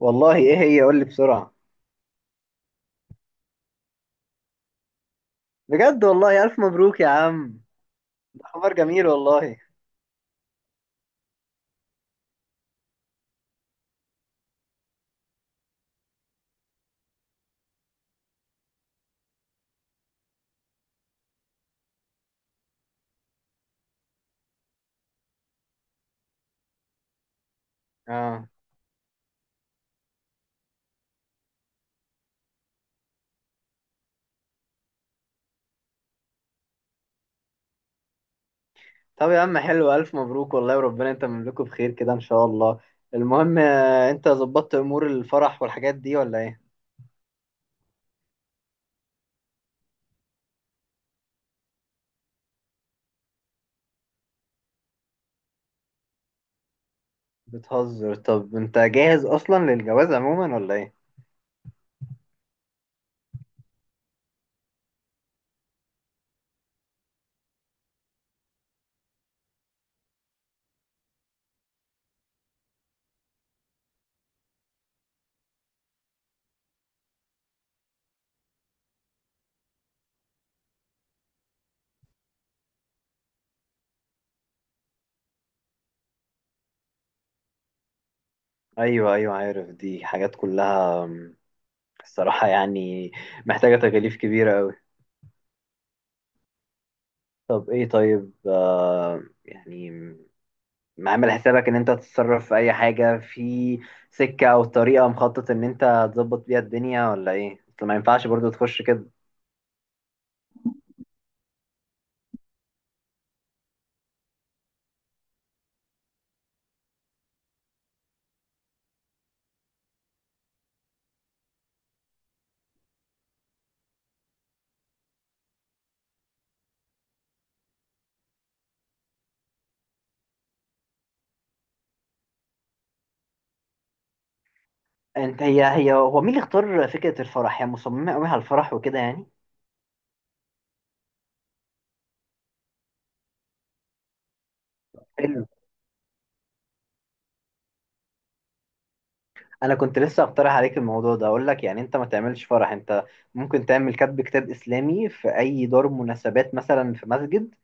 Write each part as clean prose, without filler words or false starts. والله ايه هي قول لي بسرعة. بجد والله الف مبروك يا عم. خبر جميل والله. اه. طب يا عم حلو الف مبروك والله وربنا انت مملكه بخير كده ان شاء الله. المهم انت ظبطت امور الفرح والحاجات دي ولا ايه؟ بتهزر. طب انت جاهز اصلا للجواز عموما ولا ايه؟ ايوه ايوه عارف دي حاجات كلها الصراحة يعني محتاجة تكاليف كبيرة قوي. طب ايه طيب يعني ما عامل حسابك ان انت تتصرف في اي حاجة في سكة او طريقة مخطط ان انت تظبط بيها الدنيا ولا ايه؟ اصل ما ينفعش برضو تخش كده. انت هي هو مين اللي اختار فكرة الفرح؟ هي مصممة قوي على الفرح وكده يعني. حلو. انا كنت لسه اقترح عليك الموضوع ده، اقول لك يعني انت ما تعملش فرح. انت ممكن تعمل كتب كتاب اسلامي في اي دار مناسبات مثلا في مسجد.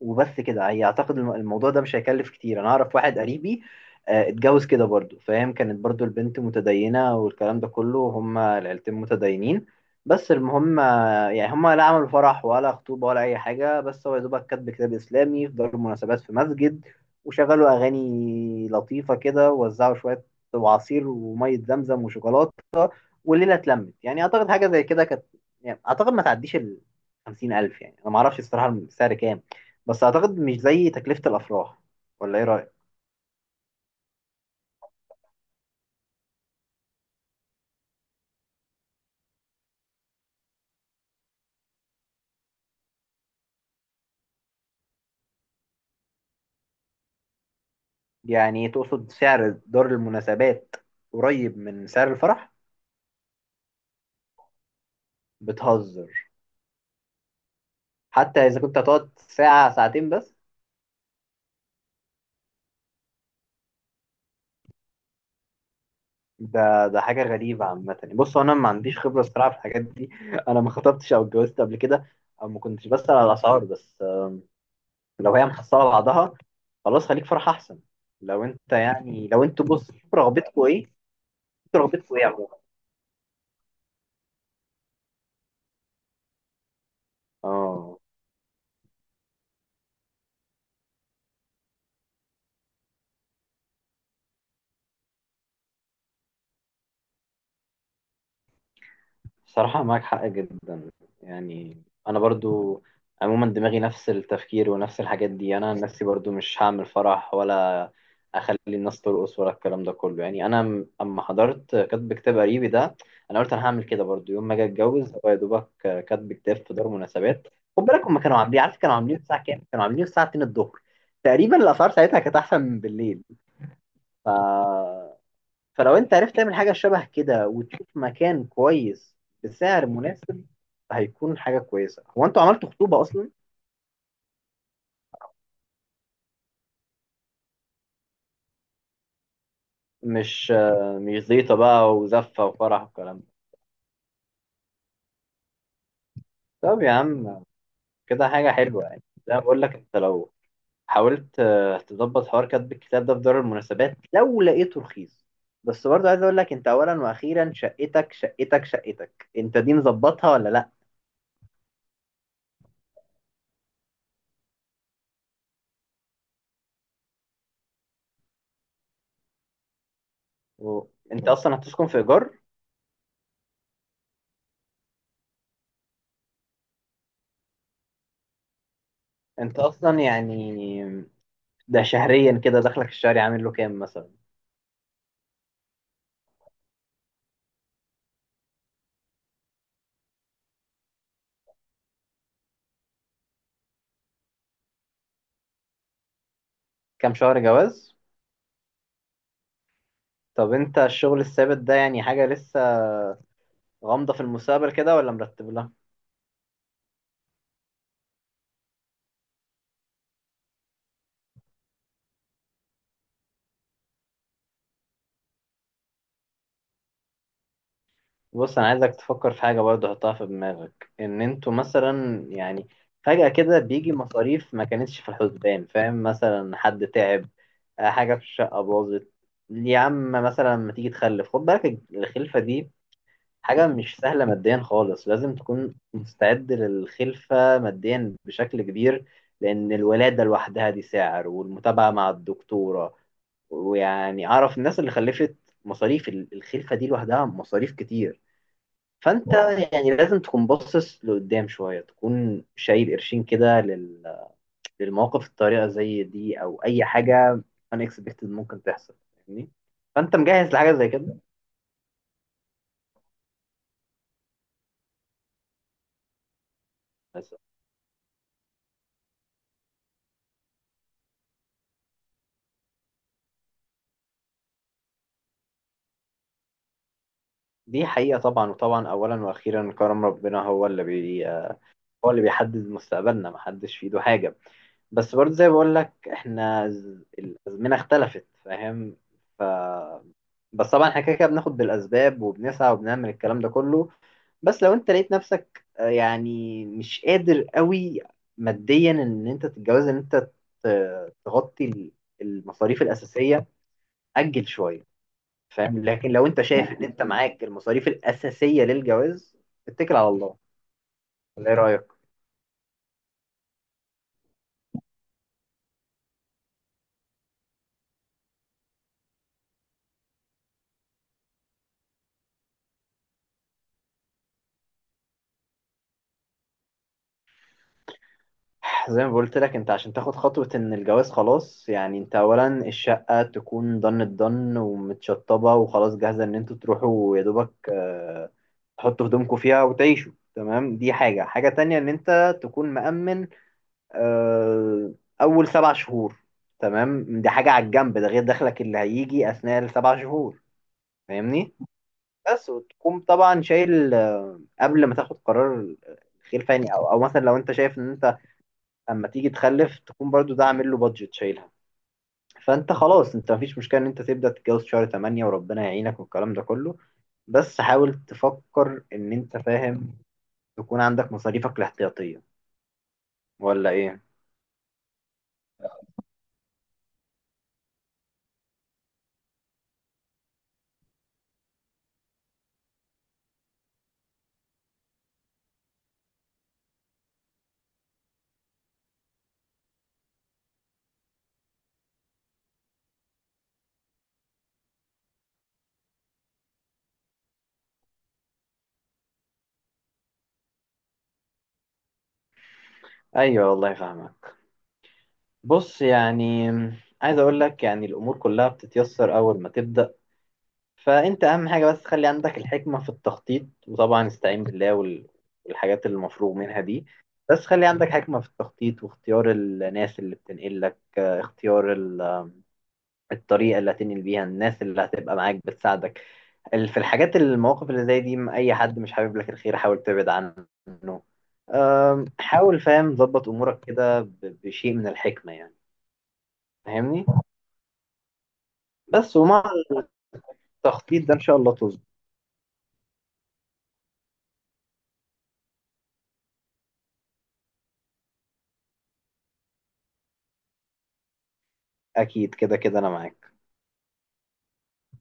وبس كده، هي اعتقد الموضوع ده مش هيكلف كتير. انا اعرف واحد قريبي اتجوز كده برضو فاهم، كانت برضو البنت متدينة والكلام ده كله، هما العيلتين متدينين. بس المهم يعني هما لا عملوا فرح ولا خطوبة ولا أي حاجة، بس هو يا دوبك كاتب كتاب إسلامي في دار المناسبات في مسجد، وشغلوا أغاني لطيفة كده، ووزعوا شوية وعصير ومية زمزم وشوكولاتة، والليله اتلمت. يعني اعتقد حاجه زي كده كانت. يعني اعتقد ما تعديش ال 50,000، يعني انا ما اعرفش الصراحه السعر كام، بس اعتقد مش زي تكلفه الافراح. ولا ايه رايك؟ يعني تقصد سعر دار المناسبات قريب من سعر الفرح؟ بتهزر. حتى اذا كنت هتقعد ساعه ساعتين بس؟ ده حاجه غريبه عامه. يعني بص انا ما عنديش خبره الصراحه في الحاجات دي انا ما خطبتش او اتجوزت قبل كده، او ما كنتش بسال على الاسعار. بس لو هي محصله بعضها خلاص خليك فرح احسن. لو انت يعني لو انتوا بص شوف رغبتكوا ايه. شوف رغبتكوا ايه عموما. اه. صراحة معاك حق جدا يعني. أنا برضو عموما دماغي نفس التفكير ونفس الحاجات دي. أنا عن نفسي برضو مش هعمل فرح، ولا أخلي الناس ترقص، ولا الكلام ده كله. يعني أنا أما حضرت كاتب كتاب قريبي ده، أنا قلت أنا هعمل كده برضو يوم ما أجي أتجوز. هو يا دوبك كاتب كتاب في دار مناسبات. خد بالك هما كانوا عاملين، عارف كانوا عاملين الساعة كام؟ كانوا عاملين الساعة 2 الظهر تقريبا. الأسعار ساعتها كانت أحسن من بالليل. ف، فلو انت عرفت تعمل حاجة شبه كده وتشوف مكان كويس بسعر مناسب هيكون حاجة كويسة. هو انتوا عملتوا خطوبة اصلا؟ مش مش زيطة بقى وزفة وفرح والكلام ده؟ طب يا عم كده حاجة حلوة يعني. زي ما بقول لك انت لو حاولت تظبط حوار كتب الكتاب ده في دار المناسبات لو لقيته رخيص. بس برضه عايز اقول لك انت اولا واخيرا شقتك، شقتك انت دي مظبطها ولا لا؟ انت اصلا هتسكن في ايجار؟ انت اصلا يعني ده شهريا كده دخلك الشهري عامل له كام مثلا؟ كام شهر جواز؟ طب انت الشغل الثابت ده يعني حاجة لسه غامضة في المستقبل كده ولا مرتب لها؟ بص انا عايزك تفكر في حاجة برضه، حطها في دماغك ان انتوا مثلا يعني فجأة كده بيجي مصاريف ما كانتش في الحسبان، فاهم؟ مثلا حد تعب، حاجة في الشقة باظت. يا عم مثلا ما تيجي تخلف، خد بالك الخلفة دي حاجة مش سهلة ماديا خالص. لازم تكون مستعد للخلفة ماديا بشكل كبير، لأن الولادة لوحدها دي سعر، والمتابعة مع الدكتورة، ويعني أعرف الناس اللي خلفت مصاريف الخلفة دي لوحدها مصاريف كتير. فأنت يعني لازم تكون باصص لقدام شوية، تكون شايل قرشين كده للمواقف الطارئة زي دي، أو أي حاجة unexpected ممكن تحصل، فاهمني؟ فأنت مجهز لحاجة زي كده؟ بس دي حقيقة طبعا، وطبعا أولا وأخيرا كرم ربنا، هو اللي هو اللي بيحدد مستقبلنا، محدش في إيده حاجة. بس برضه زي بقول لك إحنا الأزمنة اختلفت، فاهم؟ ف، بس طبعا احنا كده كده بناخد بالأسباب وبنسعى وبنعمل الكلام ده كله. بس لو أنت لقيت نفسك يعني مش قادر قوي ماديا إن أنت تتجوز، إن أنت تغطي المصاريف الأساسية، أجل شوية، فاهم؟ لكن لو انت شايف ان انت معاك المصاريف الاساسيه للجواز اتكل على الله. ولا ايه رايك؟ زي ما قلت لك انت عشان تاخد خطوه ان الجواز خلاص، يعني انت اولا الشقه تكون ضن الضن ومتشطبه وخلاص جاهزه، ان انتوا تروحوا يا دوبك تحطوا هدومكم فيها وتعيشوا تمام. دي حاجه. حاجه تانية ان انت تكون مأمن آه، اول سبع شهور تمام. دي حاجه على الجنب، ده غير دخلك اللي هيجي اثناء السبع شهور. فاهمني؟ بس وتقوم طبعا شايل قبل ما تاخد قرار خير فاني او مثلا لو انت شايف ان انت اما تيجي تخلف تكون برضو ده عامل له بادجت شايلها، فانت خلاص انت مفيش مشكله ان انت تبدا تتجوز شهر 8 وربنا يعينك والكلام ده كله. بس حاول تفكر ان انت، فاهم، تكون عندك مصاريفك الاحتياطيه. ولا ايه؟ ايوه والله فاهمك. بص يعني عايز اقول لك يعني الامور كلها بتتيسر اول ما تبدا. فانت اهم حاجه بس خلي عندك الحكمه في التخطيط، وطبعا استعين بالله والحاجات اللي المفروغ منها دي. بس خلي عندك حكمه في التخطيط واختيار الناس اللي بتنقل لك، اختيار الطريقه اللي هتنقل بيها، الناس اللي هتبقى معاك بتساعدك في الحاجات المواقف اللي زي دي. اي حد مش حابب لك الخير حاول تبعد عنه. حاول، فاهم، ظبط امورك كده بشيء من الحكمه يعني. فاهمني؟ بس ومع التخطيط ده ان شاء الله تظبط. اكيد كده كده انا معاك.